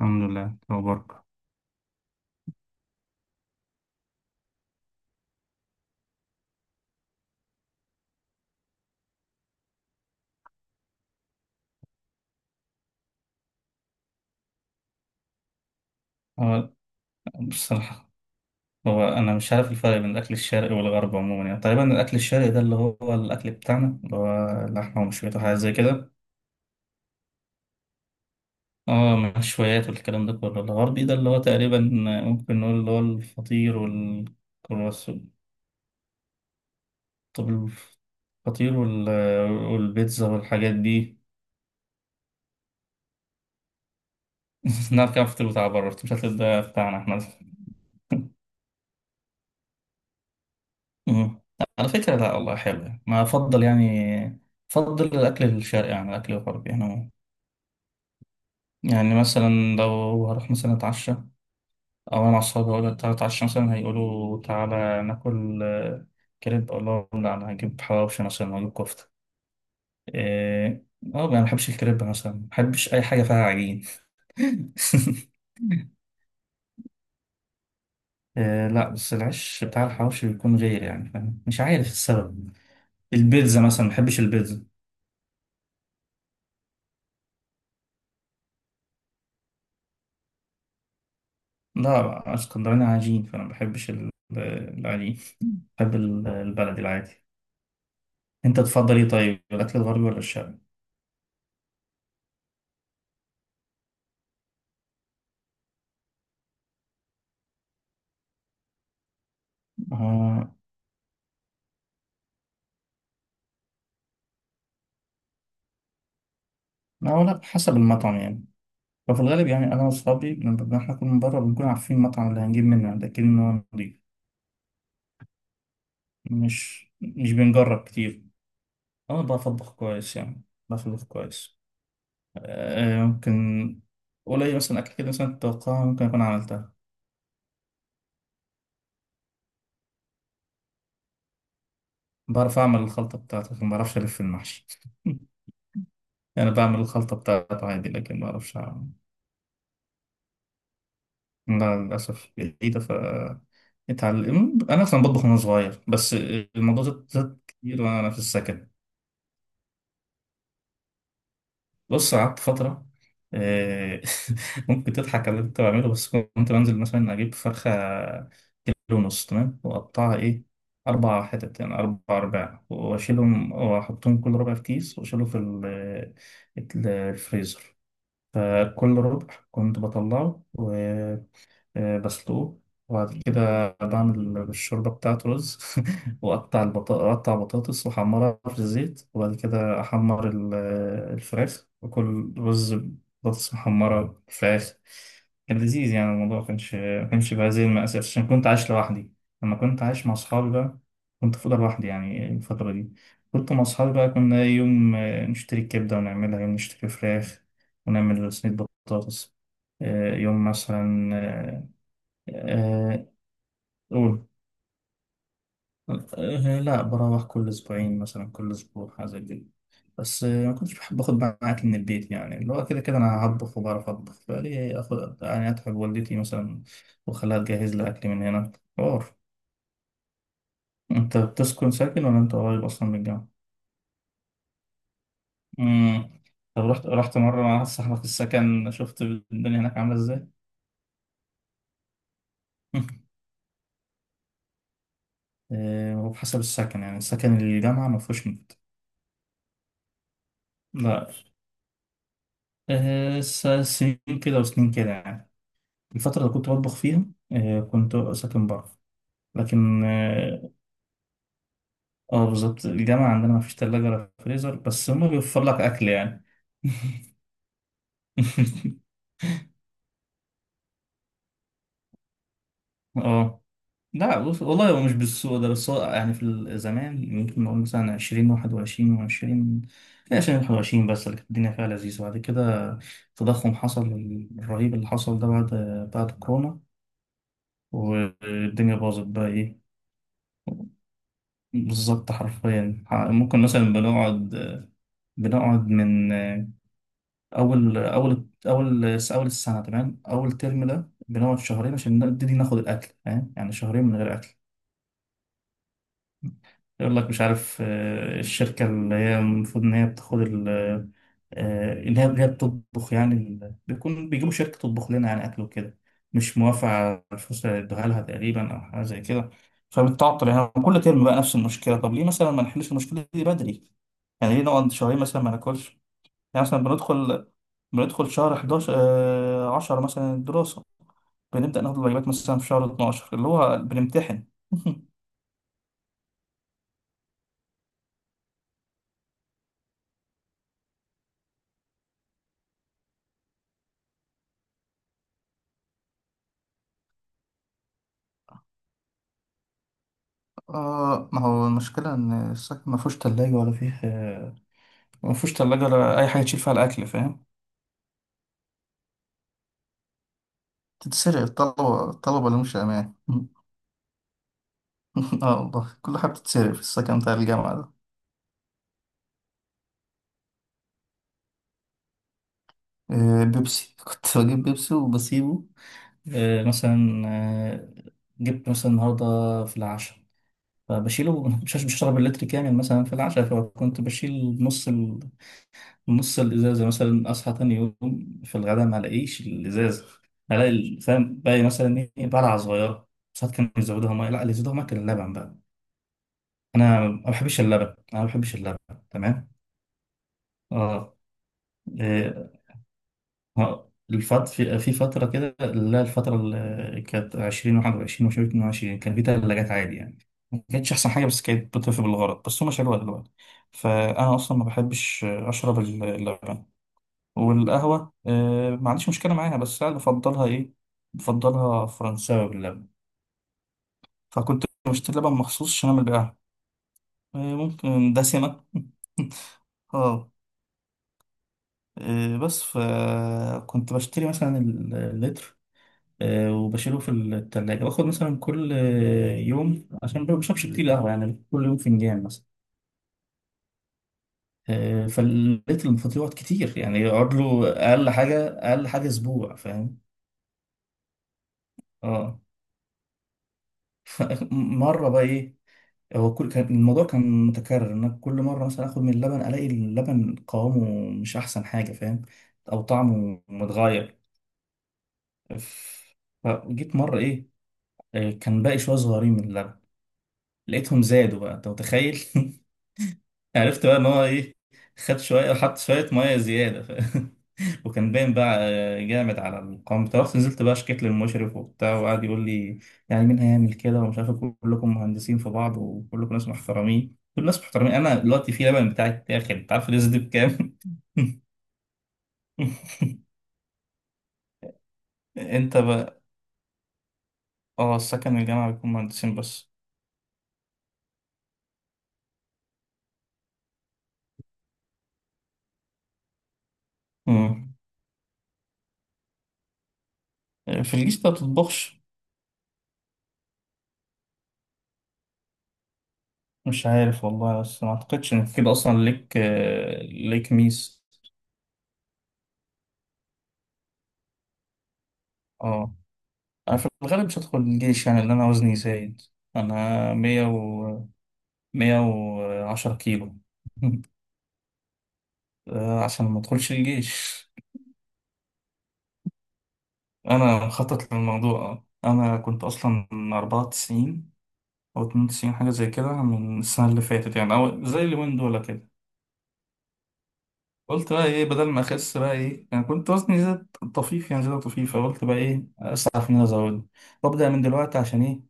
الحمد لله. أخبارك؟ هو بصراحة، هو أنا مش عارف الفرق بين الأكل الشرقي والغربي عموما، يعني تقريبا الأكل الشرقي ده اللي هو الأكل بتاعنا اللي هو اللحمة ومشويات وحاجات زي كده. اه، مشويات والكلام ده كله. الغربي ده اللي هو تقريبا ممكن نقول اللي هو الفطير والكرواسون. طب الفطير والبيتزا والحاجات دي. نعرف كام فطير بتاع بره، بس مش هتلاقي ده بتاعنا احنا. مم. على فكرة، لا والله حلو يعني. ما أفضل يعني أفضل الأكل الشرقي عن الأكل الغربي أنا. يعني مثلا لو هروح مثلا أتعشى أو أنا مع أصحابي أقول تعالى أتعشى مثلا، هيقولوا تعالى ناكل كريب. أقول لهم لا، أنا هجيب حواوشي مثلا وأجيب كفتة. إيه، ما بحبش الكريب مثلا، ما بحبش أي حاجة فيها عجين. آه لا، بس العيش بتاع الحواوشي بيكون غير يعني، فاهم، مش عارف السبب. البيتزا مثلا ما بحبش البيتزا. لا، اسكندراني عجين، فانا ما بحبش العجين. بحب البلد العادي. انت تفضل ايه طيب، الاكل الغربي ولا الشرقي؟ آه لا لا، حسب المطعم يعني. ففي الغالب يعني انا واصحابي لما احنا نكون من بره، بنكون عارفين المطعم اللي هنجيب منه، لكن إنه نضيف. مش بنجرب كتير. انا بطبخ كويس يعني. بطبخ كويس. آه ممكن. قليل مثلا اكل كده مثلا تتوقعها ممكن اكون عملتها. بعرف اعمل الخلطه بتاعتي، لكن ما بعرفش الف المحشي. أنا بعمل الخلطة بتاعته عادي، لكن ما أعرفش أعمل. لا، للأسف بعيدة، اتعلم أنا أصلا بطبخ وأنا صغير بس. الموضوع زاد زاد كتير وأنا في السكن. بص قعدت فترة. آه، ممكن تضحك على اللي كنت بعمله، بس كنت بنزل مثلا أجيب فرخة 1.5 كيلو تمام، وأقطعها إيه أربع حتت يعني أربع أرباع، وأشيلهم وأحطهم كل ربع في كيس وأشيله في الفريزر. فكل ربع كنت بطلعه بسلقه، وبعد كده بعمل الشوربة بتاعته رز. وأقطع أقطع بطاطس وأحمرها في الزيت، وبعد كده أحمر الفراخ وكل رز بطاطس محمرة فراخ. كان لذيذ يعني، الموضوع مكانش بقى زي المأساة عشان كنت عايش لوحدي. لما كنت عايش مع أصحابي بقى، كنت في أوضة لوحدي يعني الفترة دي. كنت مع أصحابي بقى كنا يوم نشتري كبدة، ونعملها يوم نشتري فراخ ونعمل صينية بطاطس. يوم مثلا آه، قول. لا، بروح كل أسبوعين مثلا، كل أسبوع حاجة زي كده. بس ما كنتش بحب آخد معاك من البيت، يعني اللي هو كده كده أنا هطبخ وبعرف أطبخ، فليه آخد يعني أتعب والدتي مثلا وأخليها تجهز لي أكل من هنا. حوار. أنت بتسكن ساكن ولا أنت قريب أصلا من الجامعة؟ مم. طب، رحت مرة مع واحد صاحبك السكن، شفت الدنيا هناك عاملة إزاي؟ آه، وبحسب السكن يعني، السكن الجامعة ما فيهوش نت. لا، سنين كده وسنين كده يعني، الفترة اللي كنت بطبخ فيها كنت ساكن بره. لكن بالظبط الجامعة عندنا ما فيش تلاجة ولا فريزر، بس هما بيوفر لك أكل يعني. اه لا، بص والله هو مش بالسوء ده، بس هو يعني في زمان ممكن نقول مثلا عشرين واحد وعشرين وعشرين. عشرين واحد وعشرين، بس اللي كانت الدنيا فيها لذيذة. بعد كده التضخم حصل، الرهيب اللي حصل ده بعد كورونا. والدنيا باظت بقى ايه. بالظبط حرفيا ممكن مثلا بنقعد من أول أول أول أول السنة تمام، أول ترم ده بنقعد شهرين عشان نبتدي ناخد الأكل فاهم، يعني شهرين من غير أكل. يقول لك مش عارف الشركة اللي هي المفروض إن هي بتاخد اللي هي بتطبخ يعني بيكون بيجيبوا شركة تطبخ لنا يعني أكل وكده. مش موافقة على الفلوس اللي ادوها لها تقريبا أو حاجة زي كده. فبتعطل يعني كل ترم بقى نفس المشكلة. طب ليه مثلا ما نحلش المشكلة دي بدري؟ يعني ليه نقعد شهرين مثلا ما ناكلش؟ يعني مثلا بندخل شهر 11 آه 10 مثلا الدراسة، بنبدأ ناخد الواجبات مثلا في شهر 12 اللي هو بنمتحن. آه، ما هو المشكلة إن السكن ما فيهوش تلاجة ولا فيه ما فيهوش تلاجة ولا أي حاجة تشيل فيها الأكل فاهم. تتسرق، الطلبة اللي مش أمان. آه والله كل حاجة بتتسرق في السكن بتاع الجامعة ده. آه، بيبسي. كنت بجيب بيبسي وبسيبه. مثلا جبت مثلا النهاردة في العشاء فبشيله. مش هشرب اللتر كامل مثلا في العشاء، فكنت بشيل نص نص الازازه مثلا. اصحى تاني يوم في الغداء ما الاقيش الازازه، الاقي فاهم، باقي مثلا ايه بلعه صغيره. ساعات كانوا يزودوها ميه، لا، اللي يزودوها ميه كان اللبن بقى. انا ما بحبش اللبن، انا ما بحبش اللبن. تمام. اه آه، ها، الفت في فترة كده. لا، الفترة اللي كانت 20 21 وشوية 22 كان في تلاجات عادي يعني. ما كانتش أحسن حاجة، بس كانت بتطفي بالغرض، بس هما شالوها دلوقتي. فأنا أصلا ما بحبش أشرب اللبن. والقهوة ما عنديش مشكلة معاها، بس أنا بفضلها فرنساوي باللبن. فكنت بشتري لبن مخصوص عشان أعمل بقى ممكن دسمة. اه إيه، بس فكنت بشتري مثلا اللتر، وبشيله في التلاجة، باخد مثلا كل يوم، عشان ما بشربش كتير قهوة يعني كل يوم فنجان مثلا. فلقيت المفضلات كتير يعني يقعد له أقل حاجة أقل حاجة أسبوع فاهم. اه مرة بقى إيه، هو كان الموضوع كان متكرر إن أنا كل مرة مثلا آخد من اللبن، ألاقي اللبن قوامه مش أحسن حاجة فاهم، أو طعمه متغير. ف- فجيت مرة إيه، كان باقي شوية صغيرين من اللبن، لقيتهم زادوا بقى، أنت متخيل. عرفت بقى ان هو ايه، خد شويه، حط شويه ميه زياده وكان باين بقى جامد على القوام بتاعه. رحت نزلت بقى شكيت للمشرف وبتاع، وقعد يقول لي يعني مين هيعمل كده ومش عارف إيه، كلكم مهندسين في بعض وكلكم ناس محترمين، كل الناس محترمين، انا دلوقتي في لبن بتاعي اتاخد، انت عارف الريز دي بكام. انت بقى اه، السكن الجامعه بيكون مهندسين بس. مم. في الجيش ده بتطبخش؟ مش عارف والله، بس ما اعتقدش ان كده اصلا ليك ليك ميس. اه، انا في الغالب مش هدخل الجيش يعني لان انا وزني زايد. انا 110 كيلو. عشان ما ادخلش الجيش. انا مخطط للموضوع، انا كنت اصلا 94 او 92 حاجة زي كده من السنة اللي فاتت يعني، او زي اليومين دول كده. قلت بقى ايه بدل ما اخس بقى ايه، انا كنت وزني زاد طفيف يعني زيادة طفيفة، قلت بقى ايه اسعى في ان انا ازود وابدا من دلوقتي عشان إيه،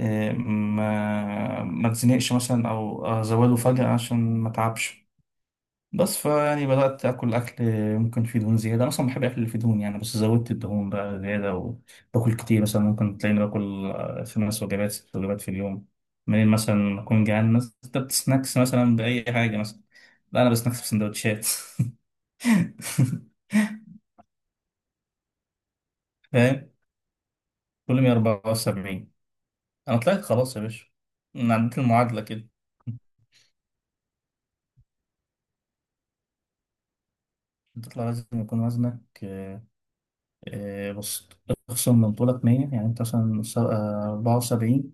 ما اتزنقش مثلا او ازوله فجأة عشان ما اتعبش. بس فيعني بدأت اكل اكل. ممكن فيه دهون زيادة، أنا اصلا بحب الاكل اللي فيه دهون يعني، بس زودت الدهون بقى زيادة، وباكل كتير مثلا ممكن تلاقيني باكل 5 وجبات 6 وجبات في اليوم. منين مثلا اكون جعان مثلا كتبت سناكس مثلا بأي حاجة مثلا. لا انا بسناكس بسندوتشات. فاهم، كل 174. انا طلعت خلاص يا باشا. أنا عديت المعادلة كده. تطلع لازم يكون وزنك بص، اخصم منطولك 100، يعني انت مثلا 74،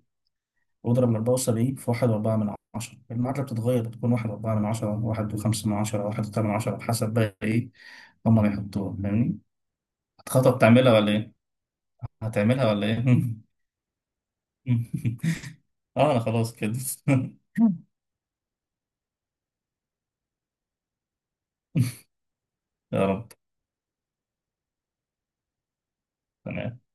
واضرب ال 74 في 1.4 من عشرة. المعادلة بتتغير، بتكون 1.4 من عشرة 1.5 من عشرة 1.8 من عشرة بحسب بقى ايه هما بيحطوها فاهمني. هتخطط تعملها ولا ايه؟ هتعملها ولا ايه؟ اه انا خلاص كده. يا رب. تمام.